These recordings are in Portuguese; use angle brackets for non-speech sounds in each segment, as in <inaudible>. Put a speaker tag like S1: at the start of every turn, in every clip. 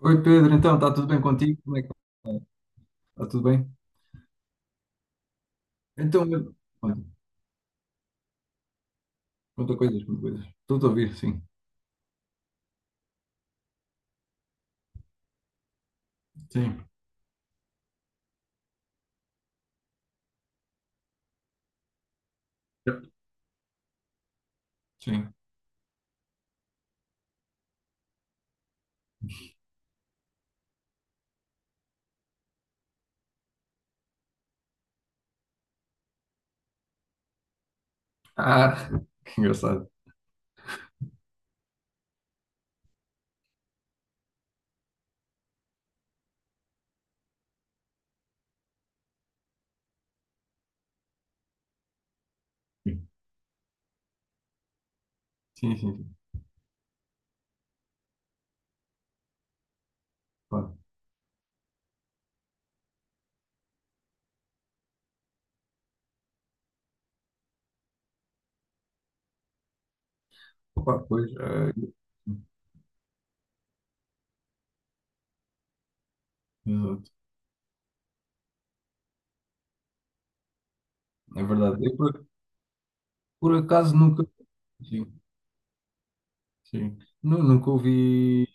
S1: Oi Pedro, então está tudo bem contigo? Como é que está? Está tudo bem? Então, conta, conta coisas, conta coisas. Estou a ouvir, sim. Sim, sim. Ah, <laughs> que engraçado. Sim, sim, sim. Pá, pá, pois, é, exato. É verdade. Eu por acaso nunca. Sim, sim. Nunca ouvi.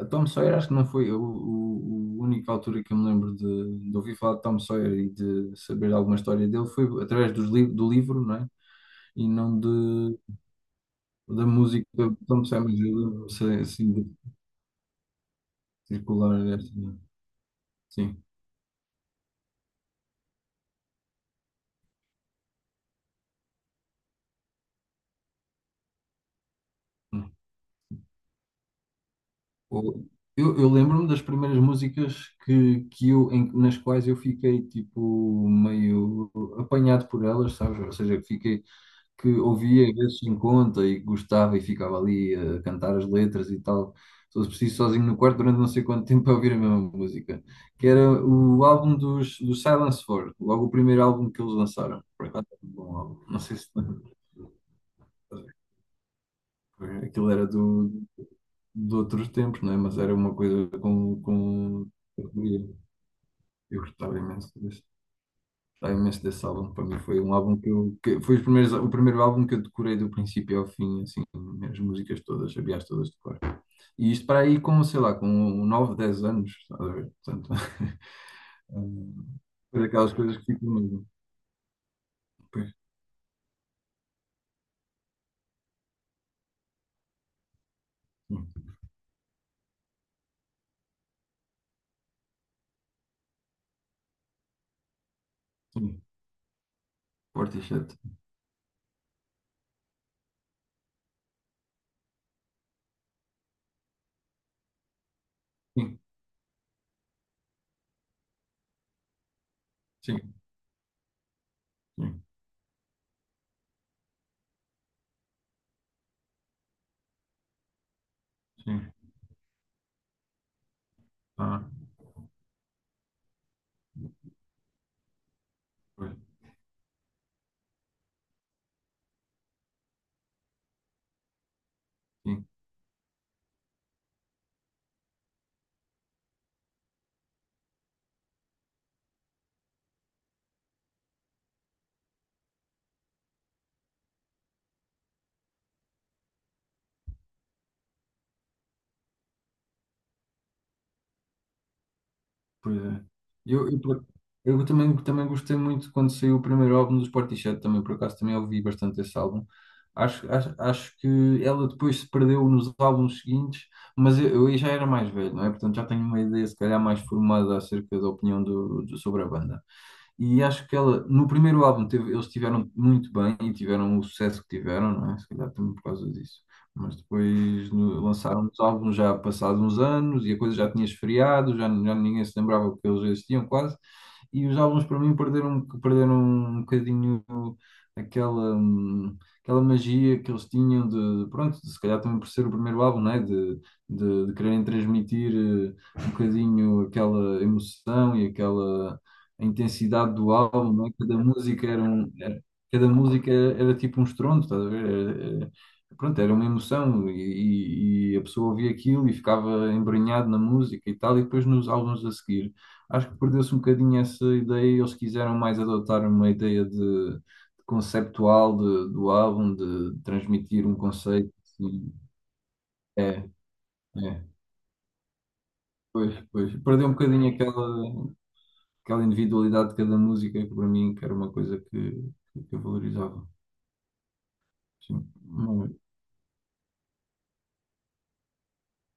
S1: A Tom Sawyer, acho que não foi o única altura que eu me lembro de ouvir falar de Tom Sawyer e de saber alguma história dele foi através do livro, não é? E não de. Da música, então me sai mais ajuda, sei assim, de circular esta, não. Sim. O- eu lembro-me das primeiras músicas que eu, nas quais eu fiquei, tipo, meio apanhado por elas, sabes? Ou seja, que fiquei, que ouvia às vezes em conta e gostava e ficava ali a cantar as letras e tal. Se fosse preciso, sozinho no quarto durante não sei quanto tempo a ouvir a mesma música. Que era o álbum dos, Silence 4, logo o primeiro álbum que eles lançaram. Por acaso, é um bom álbum. Não sei se... Aquilo era de outros tempos, não é? Mas era uma coisa com... Eu gostava imenso desse álbum. Para mim foi um álbum que eu... Que foi o primeiro álbum que eu decorei do princípio ao fim, assim, as músicas todas, sabia-as todas de cor. E isto para aí com, sei lá, com 9 10 anos, estás a ver? Portanto, <laughs> hum, foi daquelas coisas que ficam mesmo. Pois, sim, sim. Portishead. Sim, sim, sim, sim. Ah, pois, sim. Pois é. Eu, eu, por- eu também gostei muito quando saiu o primeiro álbum dos Portishead, também por acaso também ouvi bastante esse álbum. Acho que ela depois se perdeu nos álbuns seguintes, mas eu aí já era mais velho, não é? Portanto já tenho uma ideia se calhar mais formada acerca da opinião sobre a banda. E acho que ela, no primeiro álbum, eles tiveram muito bem e tiveram o sucesso que tiveram, não é? Se calhar também por causa disso. Mas depois lançaram os álbuns já passados uns anos e a coisa já tinha esfriado, já, já ninguém se lembrava que eles existiam quase e os álbuns para mim perderam um bocadinho aquela, aquela magia que eles tinham de, pronto, de, se calhar também por ser o primeiro álbum, né? De quererem transmitir um bocadinho aquela emoção e aquela intensidade do álbum, né? Cada música era tipo um estrondo, estás a ver? Pronto, era uma emoção e a pessoa ouvia aquilo e ficava embrenhado na música e tal, e depois nos álbuns a seguir. Acho que perdeu-se um bocadinho essa ideia e eles quiseram mais adotar uma ideia de conceptual do álbum, de transmitir um conceito. e- É, é, pois, pois. Perdeu um bocadinho aquela individualidade de cada música, que para mim que era uma coisa que eu valorizava. Sim, hum,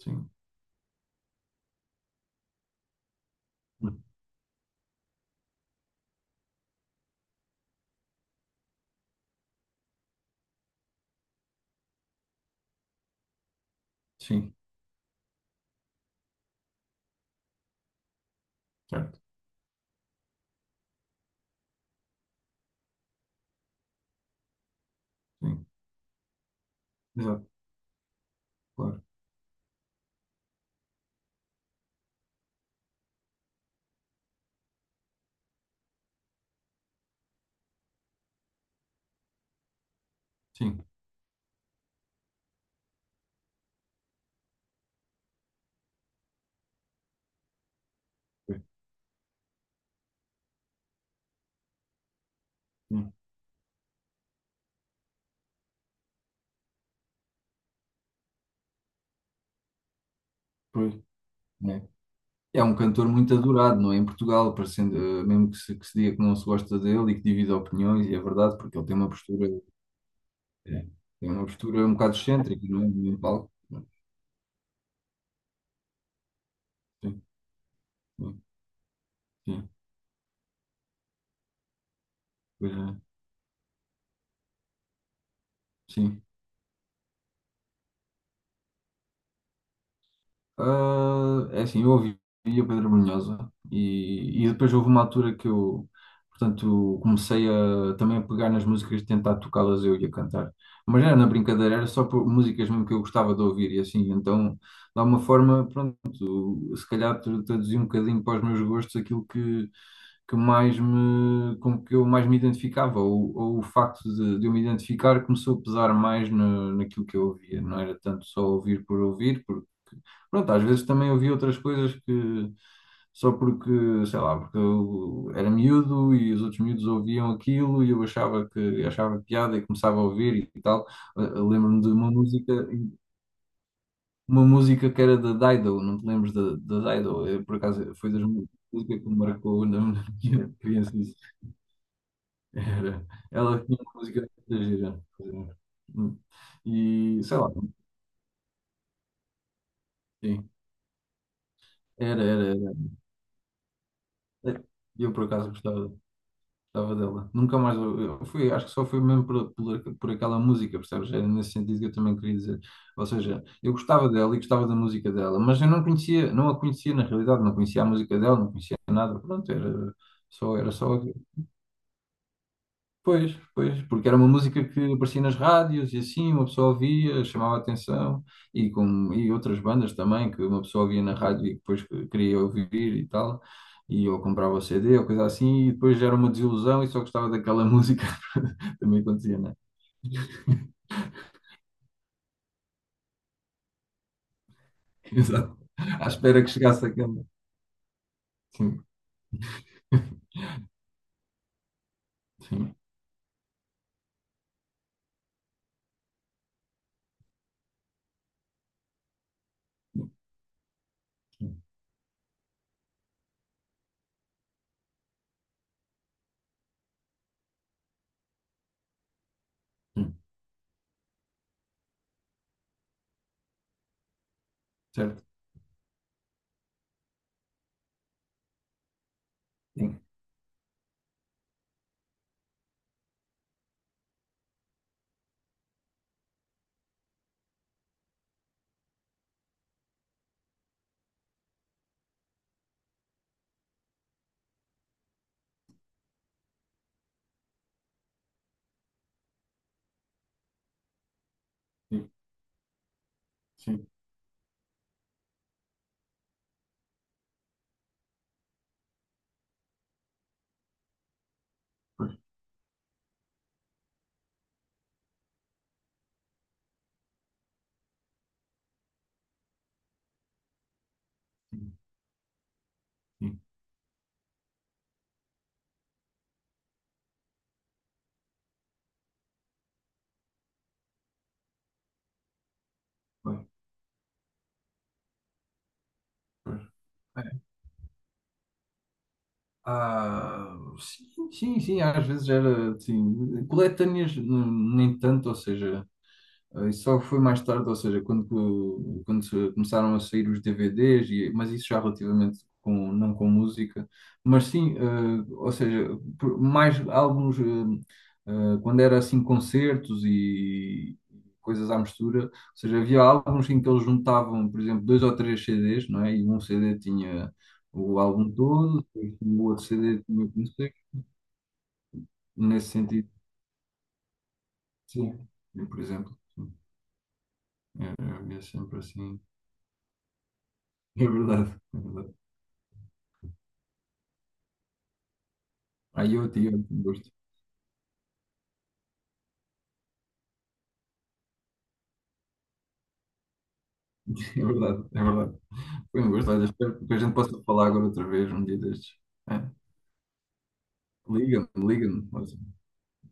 S1: sim, hum, sim, certo, sim, exato, claro, sim, pois, sim, pois, é. É um cantor muito adorado, não é? Em Portugal, parecendo, mesmo que se, diga que não se gosta dele e que divide opiniões, e é verdade, porque ele tem uma postura, é, tem uma postura um bocado excêntrica, não é? No palco. Sim, sim, sim, pois é, sim. Ah, é assim, eu ouvi o Pedro Brunhosa e depois houve uma altura que eu, portanto, comecei a também a pegar nas músicas, e tentar tocá-las eu e a cantar. Mas era na brincadeira, era só por músicas mesmo que eu gostava de ouvir e assim, então, de alguma forma, pronto, se calhar traduzi um bocadinho para os meus gostos aquilo que mais me, com que eu mais me identificava, ou o facto de eu me identificar começou a pesar mais na naquilo que eu ouvia, não era tanto só ouvir por ouvir, porque pronto, às vezes também ouvi outras coisas que só porque, sei lá, porque eu era miúdo e os outros miúdos ouviam aquilo e eu achava que achava piada e começava a ouvir e tal. Eu lembro-me de uma música que era da Dido, não te lembras da Dido? Por acaso foi das músicas que me marcou na <laughs> minha criança. Isso. Era, ela tinha uma música da gira. E sei lá, sim, era, era, era. Eu por acaso gostava. Gostava dela. Nunca mais. Eu fui, acho que só foi mesmo por aquela música, percebes? Era nesse sentido que eu também queria dizer. Ou seja, eu gostava dela e gostava da música dela, mas eu não conhecia, não a conhecia na realidade, não conhecia a música dela, não conhecia nada. Pronto, era só. Pois, pois, porque era uma música que aparecia nas rádios e assim uma pessoa ouvia, chamava a atenção e outras bandas também que uma pessoa ouvia na rádio e depois que queria ouvir e tal, e ou comprava o CD ou coisa assim, e depois era uma desilusão e só gostava daquela música, <laughs> também acontecia, né? <laughs> Exato. À espera que chegasse aquela. Sim, sim, sim, certo. Sim, sim, sim, pois, sim, sim, pois, pois. Ah, sim, sim, sim, às vezes era assim, coletâneas nem tanto, ou seja, isso só foi mais tarde, ou seja, quando, co- quando se- começaram a sair os DVDs, e, mas isso já relativamente com, não com música, mas sim, ou seja, mais álbuns quando era assim concertos e coisas à mistura, ou seja, havia álbuns em que eles juntavam, por exemplo, dois ou três CDs, não é? E um CD tinha o álbum todo, depois o outro CD tinha o concerto. Nesse sentido, sim, eu, por exemplo, sim. Eu via sempre assim. <laughs> É verdade, é verdade. Ai, eu tinha um gosto. <laughs> É verdade, é verdade. Foi um gosto. Olha, espero que a gente possa falar agora outra vez, um dia destes. É. Liga-me, liga-me.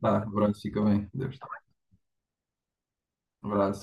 S1: Tá, abraço, fica bem. Deus. Abraço.